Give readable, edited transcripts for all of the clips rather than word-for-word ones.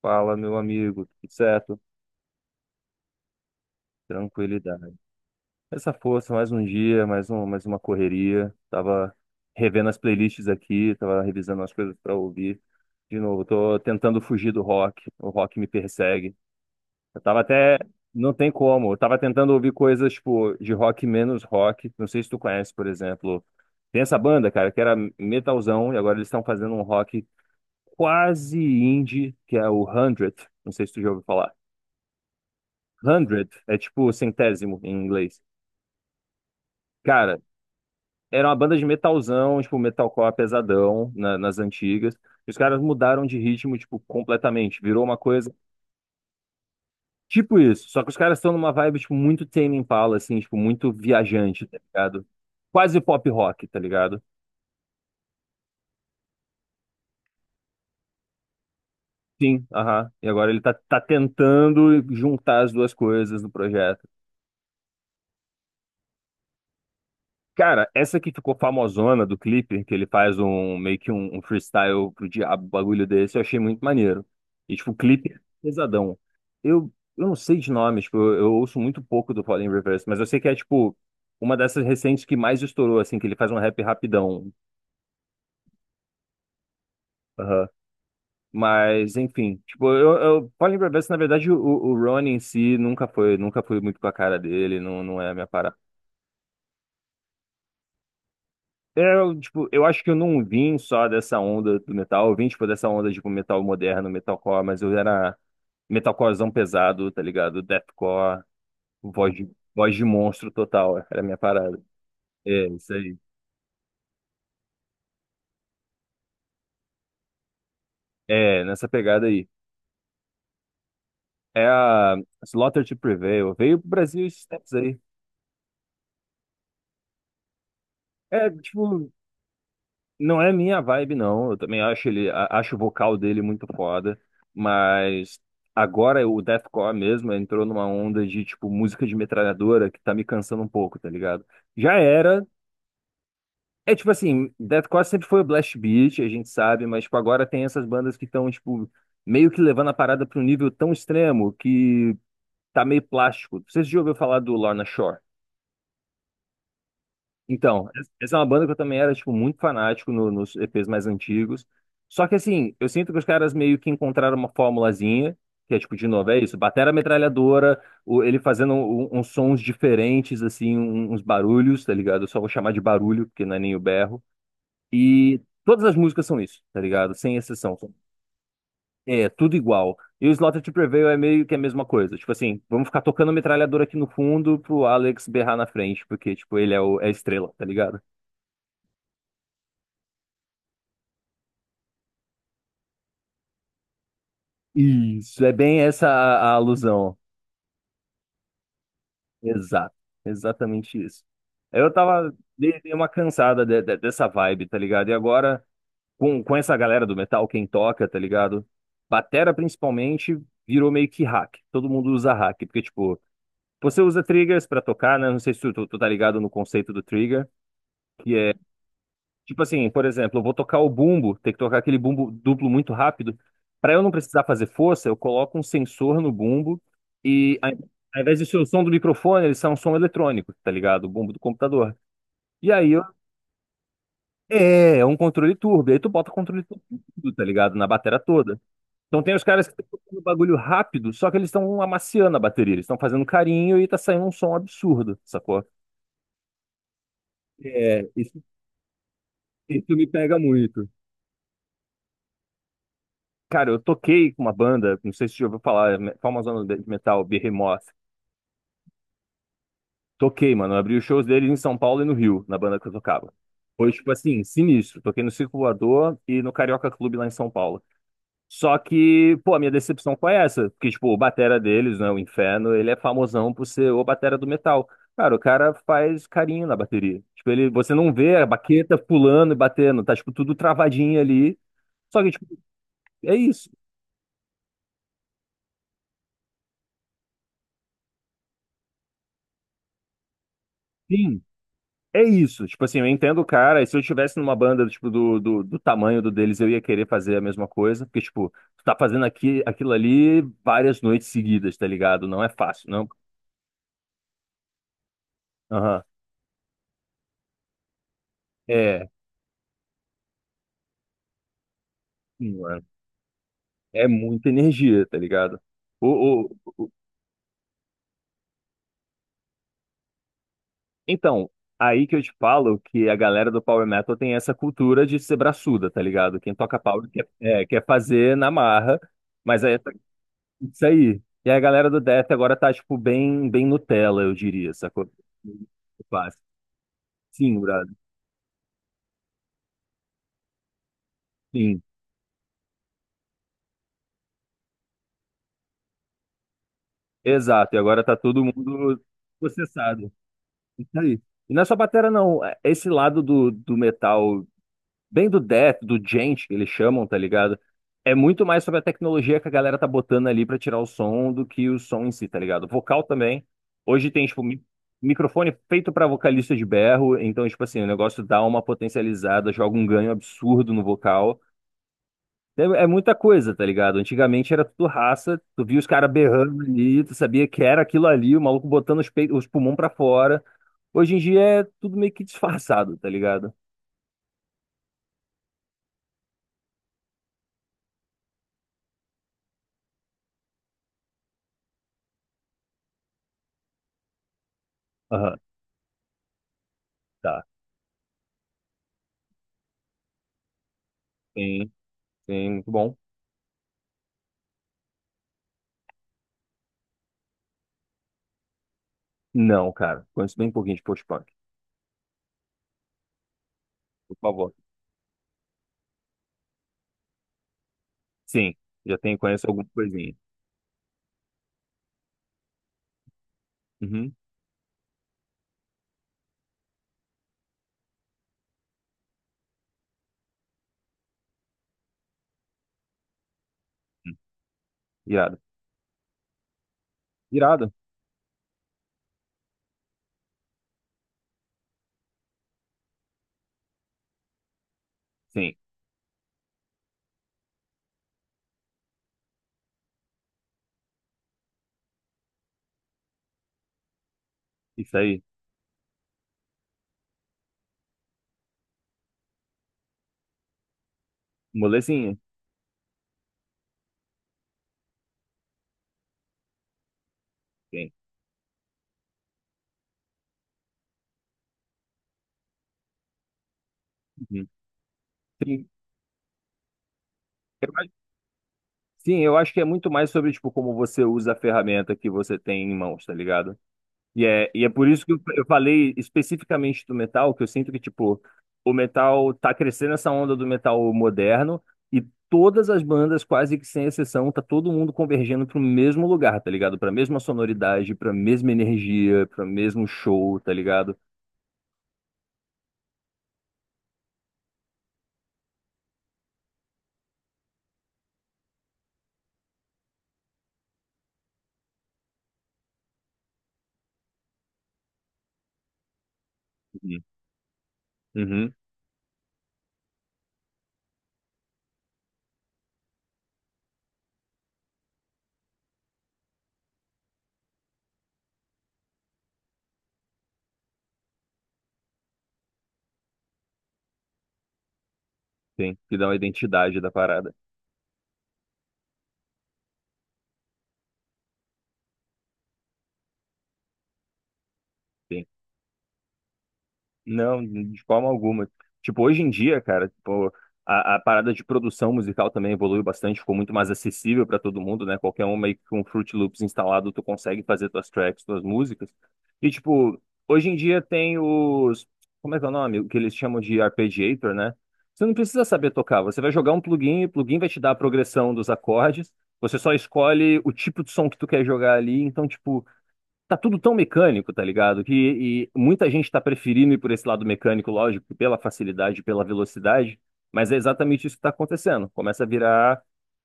Fala, meu amigo, tudo certo? Tranquilidade. Essa força, mais um dia, mais uma correria. Tava revendo as playlists aqui, tava revisando as coisas para ouvir. De novo, tô tentando fugir do rock. O rock me persegue. Eu tava até, não tem como. Eu tava tentando ouvir coisas tipo de rock menos rock. Não sei se tu conhece, por exemplo, tem essa banda, cara, que era metalzão e agora eles estão fazendo um rock quase indie, que é o 100. Não sei se tu já ouviu falar. Hundred é tipo centésimo em inglês. Cara, era uma banda de metalzão, tipo metalcore pesadão nas antigas. E os caras mudaram de ritmo, tipo, completamente. Virou uma coisa tipo isso. Só que os caras estão numa vibe, tipo, muito Tame Impala, assim, tipo, muito viajante, tá ligado? Quase pop rock, tá ligado? Sim, aham. E agora tá tentando juntar as duas coisas no projeto. Cara, essa que ficou famosona do clipe, que ele faz um meio que um freestyle pro diabo, um bagulho desse, eu achei muito maneiro. E, tipo, o clipe é pesadão. Eu não sei de nomes, tipo, eu ouço muito pouco do Fallen Reverse, mas eu sei que é, tipo, uma dessas recentes que mais estourou, assim, que ele faz um rap rapidão. Aham. Mas, enfim, tipo, Fallen Reverse, na verdade, o Ronnie em si nunca foi muito com a cara dele, não, não é a minha parada. Eu, tipo, eu acho que eu não vim só dessa onda do metal, eu vim, tipo, dessa onda, tipo, metal moderno, metalcore, mas eu era metalcorezão pesado, tá ligado? Deathcore, voz de, voz de monstro total, era a minha parada. É, isso aí. É, nessa pegada aí. É a Slaughter to Prevail, veio pro Brasil esses tempos aí. É, tipo, não é minha vibe, não. Eu também acho ele, acho o vocal dele muito foda, mas agora o deathcore mesmo entrou numa onda de tipo música de metralhadora que tá me cansando um pouco, tá ligado? Já era. É tipo assim, deathcore sempre foi o blast beat, a gente sabe, mas tipo agora tem essas bandas que estão tipo meio que levando a parada pra um nível tão extremo que tá meio plástico. Vocês já ouviram falar do Lorna Shore? Então, essa é uma banda que eu também era, tipo, muito fanático nos EPs mais antigos. Só que, assim, eu sinto que os caras meio que encontraram uma formulazinha, que é, tipo, de novo, é isso, batera metralhadora, ele fazendo uns sons diferentes, assim, uns barulhos, tá ligado? Eu só vou chamar de barulho, porque não é nem o berro. E todas as músicas são isso, tá ligado? Sem exceção. É, tudo igual. E o Slaughter to Prevail é meio que a mesma coisa. Tipo assim, vamos ficar tocando metralhadora aqui no fundo pro Alex berrar na frente, porque, tipo, é a estrela, tá ligado? Isso é bem essa a alusão. Exato. Exatamente isso. Eu dei uma cansada dessa vibe, tá ligado? E agora, com essa galera do metal, quem toca, tá ligado? Batera, principalmente, virou meio que hack. Todo mundo usa hack, porque, tipo, você usa triggers pra tocar, né? Não sei se tu tá ligado no conceito do trigger. Tipo assim, por exemplo, eu vou tocar o bumbo, tem que tocar aquele bumbo duplo muito rápido. Para eu não precisar fazer força, eu coloco um sensor no bumbo e ao invés de ser o som do microfone, ele sai um som eletrônico, tá ligado? O bumbo do computador. E aí eu, é, é um controle turbo. E aí tu bota controle turbo em tudo, tá ligado? Na bateria toda. Então tem os caras que estão tocando bagulho rápido, só que eles estão amaciando a bateria, eles estão fazendo carinho e tá saindo um som absurdo, sacou? É, isso me pega muito. Cara, eu toquei com uma banda, não sei se você já ouviu falar, famosona de metal, Behemoth. Toquei, mano. Eu abri os shows deles em São Paulo e no Rio, na banda que eu tocava. Foi, tipo assim, sinistro. Toquei no Circo Voador e no Carioca Clube lá em São Paulo. Só que, pô, a minha decepção foi essa. Porque, tipo, o batera deles, né, o Inferno, ele é famosão por ser o batera do metal. Cara, o cara faz carinho na bateria. Tipo, ele, você não vê a baqueta pulando e batendo, tá, tipo, tudo travadinho ali. Só que, tipo, é isso. Sim. É isso, tipo assim, eu entendo o cara, e se eu estivesse numa banda, tipo, do tamanho do deles, eu ia querer fazer a mesma coisa, porque, tipo, tu tá fazendo aqui, aquilo ali várias noites seguidas, tá ligado? Não é fácil, não. Aham. É, sim, mano. É muita energia, tá ligado? O, o, o- Então, aí que eu te falo que a galera do Power Metal tem essa cultura de ser braçuda, tá ligado? Quem toca power quer, é, quer fazer na marra, mas aí é isso aí. E a galera do Death agora tá, tipo, bem Nutella, eu diria, sacou? Fácil. Sim, brother. Sim. Exato. E agora tá todo mundo processado. Isso aí. E não é só batera, não. É, esse lado do metal, bem do Death, do Djent, que eles chamam, tá ligado? É muito mais sobre a tecnologia que a galera tá botando ali pra tirar o som do que o som em si, tá ligado? Vocal também. Hoje tem, tipo, microfone feito pra vocalista de berro, então, tipo assim, o negócio dá uma potencializada, joga um ganho absurdo no vocal. É, é muita coisa, tá ligado? Antigamente era tudo raça, tu via os caras berrando ali, tu sabia que era aquilo ali, o maluco botando os peitos, os pulmões pra fora. Hoje em dia é tudo meio que disfarçado, tá ligado? Aham, tá. Sim, sim, muito bom. Não, cara. Conheço bem pouquinho de post-punk. Por favor. Sim, já tenho, conheço alguma coisinha. Uhum. Uhum. Irado. Irado? Sim. Isso aí. Molezinha. Sim. Uhum. Sim. Eu acho- Sim, eu acho que é muito mais sobre, tipo, como você usa a ferramenta que você tem em mãos, tá ligado? E é por isso que eu falei especificamente do metal, que eu sinto que, tipo, o metal tá crescendo essa onda do metal moderno e todas as bandas, quase que sem exceção, tá todo mundo convergendo pro mesmo lugar, tá ligado? Pra mesma sonoridade, pra mesma energia, pra mesmo show, tá ligado? Uhum. Uhum. Sim, que dá uma identidade da parada. Sim. Não, de forma alguma. Tipo, hoje em dia, cara, tipo, a parada de produção musical também evoluiu bastante, ficou muito mais acessível para todo mundo, né? Qualquer um meio que com Fruit Loops instalado, tu consegue fazer tuas tracks, tuas músicas. E, tipo, hoje em dia tem os. Como é que é o nome? O que eles chamam de arpeggiator, né? Você não precisa saber tocar, você vai jogar um plugin, o plugin vai te dar a progressão dos acordes, você só escolhe o tipo de som que tu quer jogar ali, então, tipo, tá tudo tão mecânico, tá ligado? Que e muita gente tá preferindo ir por esse lado mecânico, lógico, pela facilidade, pela velocidade, mas é exatamente isso que tá acontecendo. Começa a virar,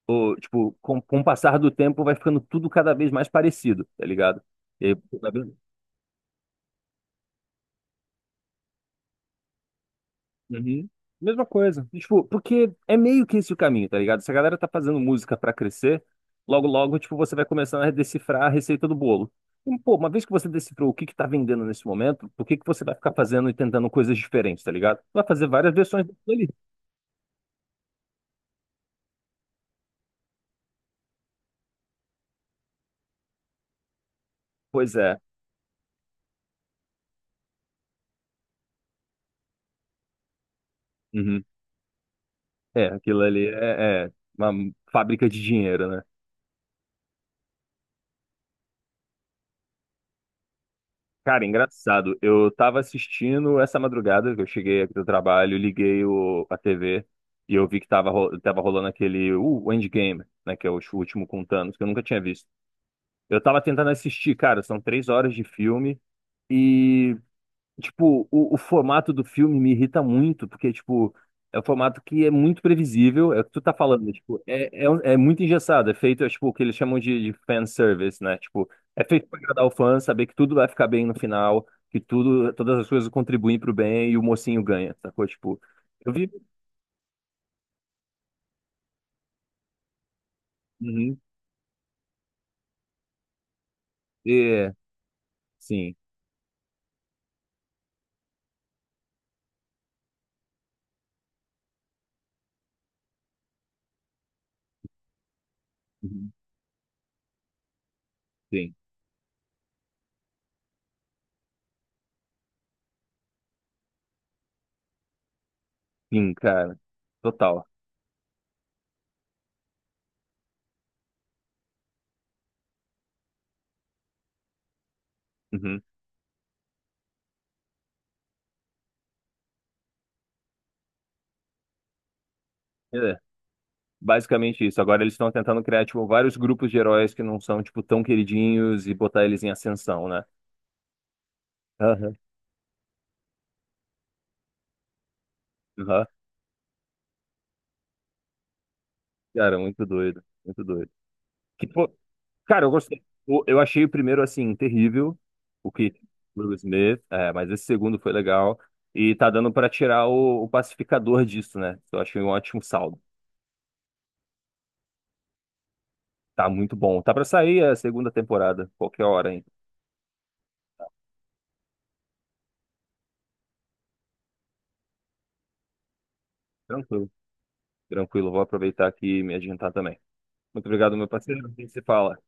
o, tipo, com o passar do tempo vai ficando tudo cada vez mais parecido, tá ligado? E, Uhum. Mesma coisa. Tipo, porque é meio que esse o caminho, tá ligado? Se a galera tá fazendo música pra crescer, logo logo, tipo, você vai começando a decifrar a receita do bolo. E, pô, uma vez que você decifrou o que que tá vendendo nesse momento, por que que você vai ficar fazendo e tentando coisas diferentes, tá ligado? Vai fazer várias versões daquilo ali. Pois é. Uhum. É, aquilo ali é, é uma fábrica de dinheiro, né? Cara, engraçado. Eu tava assistindo essa madrugada que eu cheguei aqui do trabalho, liguei a TV e eu vi que tava, tava rolando aquele o Endgame, né? Que é o último com Thanos, que eu nunca tinha visto. Eu tava tentando assistir, cara, são 3 horas de filme. e Tipo, o formato do filme me irrita muito, porque, tipo, é um formato que é muito previsível, é o que tu tá falando, né? Tipo, é muito engessado, é feito, é, tipo, o que eles chamam de fanservice, né? Tipo, é feito pra agradar o fã, saber que tudo vai ficar bem no final, que tudo, todas as coisas contribuem pro bem e o mocinho ganha, sacou? Tipo, eu vi... Uhum. É, sim, Uhum. Sim, sim, cara, total. Uhum. É. Basicamente isso. Agora eles estão tentando criar, tipo, vários grupos de heróis que não são, tipo, tão queridinhos e botar eles em ascensão, né? Aham. Aham. Cara, muito doido. Muito doido. Que, pô, cara, eu gostei. Eu achei o primeiro, assim, terrível, o que o Will Smith, é, mas esse segundo foi legal. E tá dando pra tirar o pacificador disso, né? Eu achei um ótimo saldo. Tá muito bom. Tá pra sair a segunda temporada, qualquer hora, hein? Tranquilo, tranquilo. Vou aproveitar aqui e me adiantar também. Muito obrigado, meu parceiro. A gente se fala.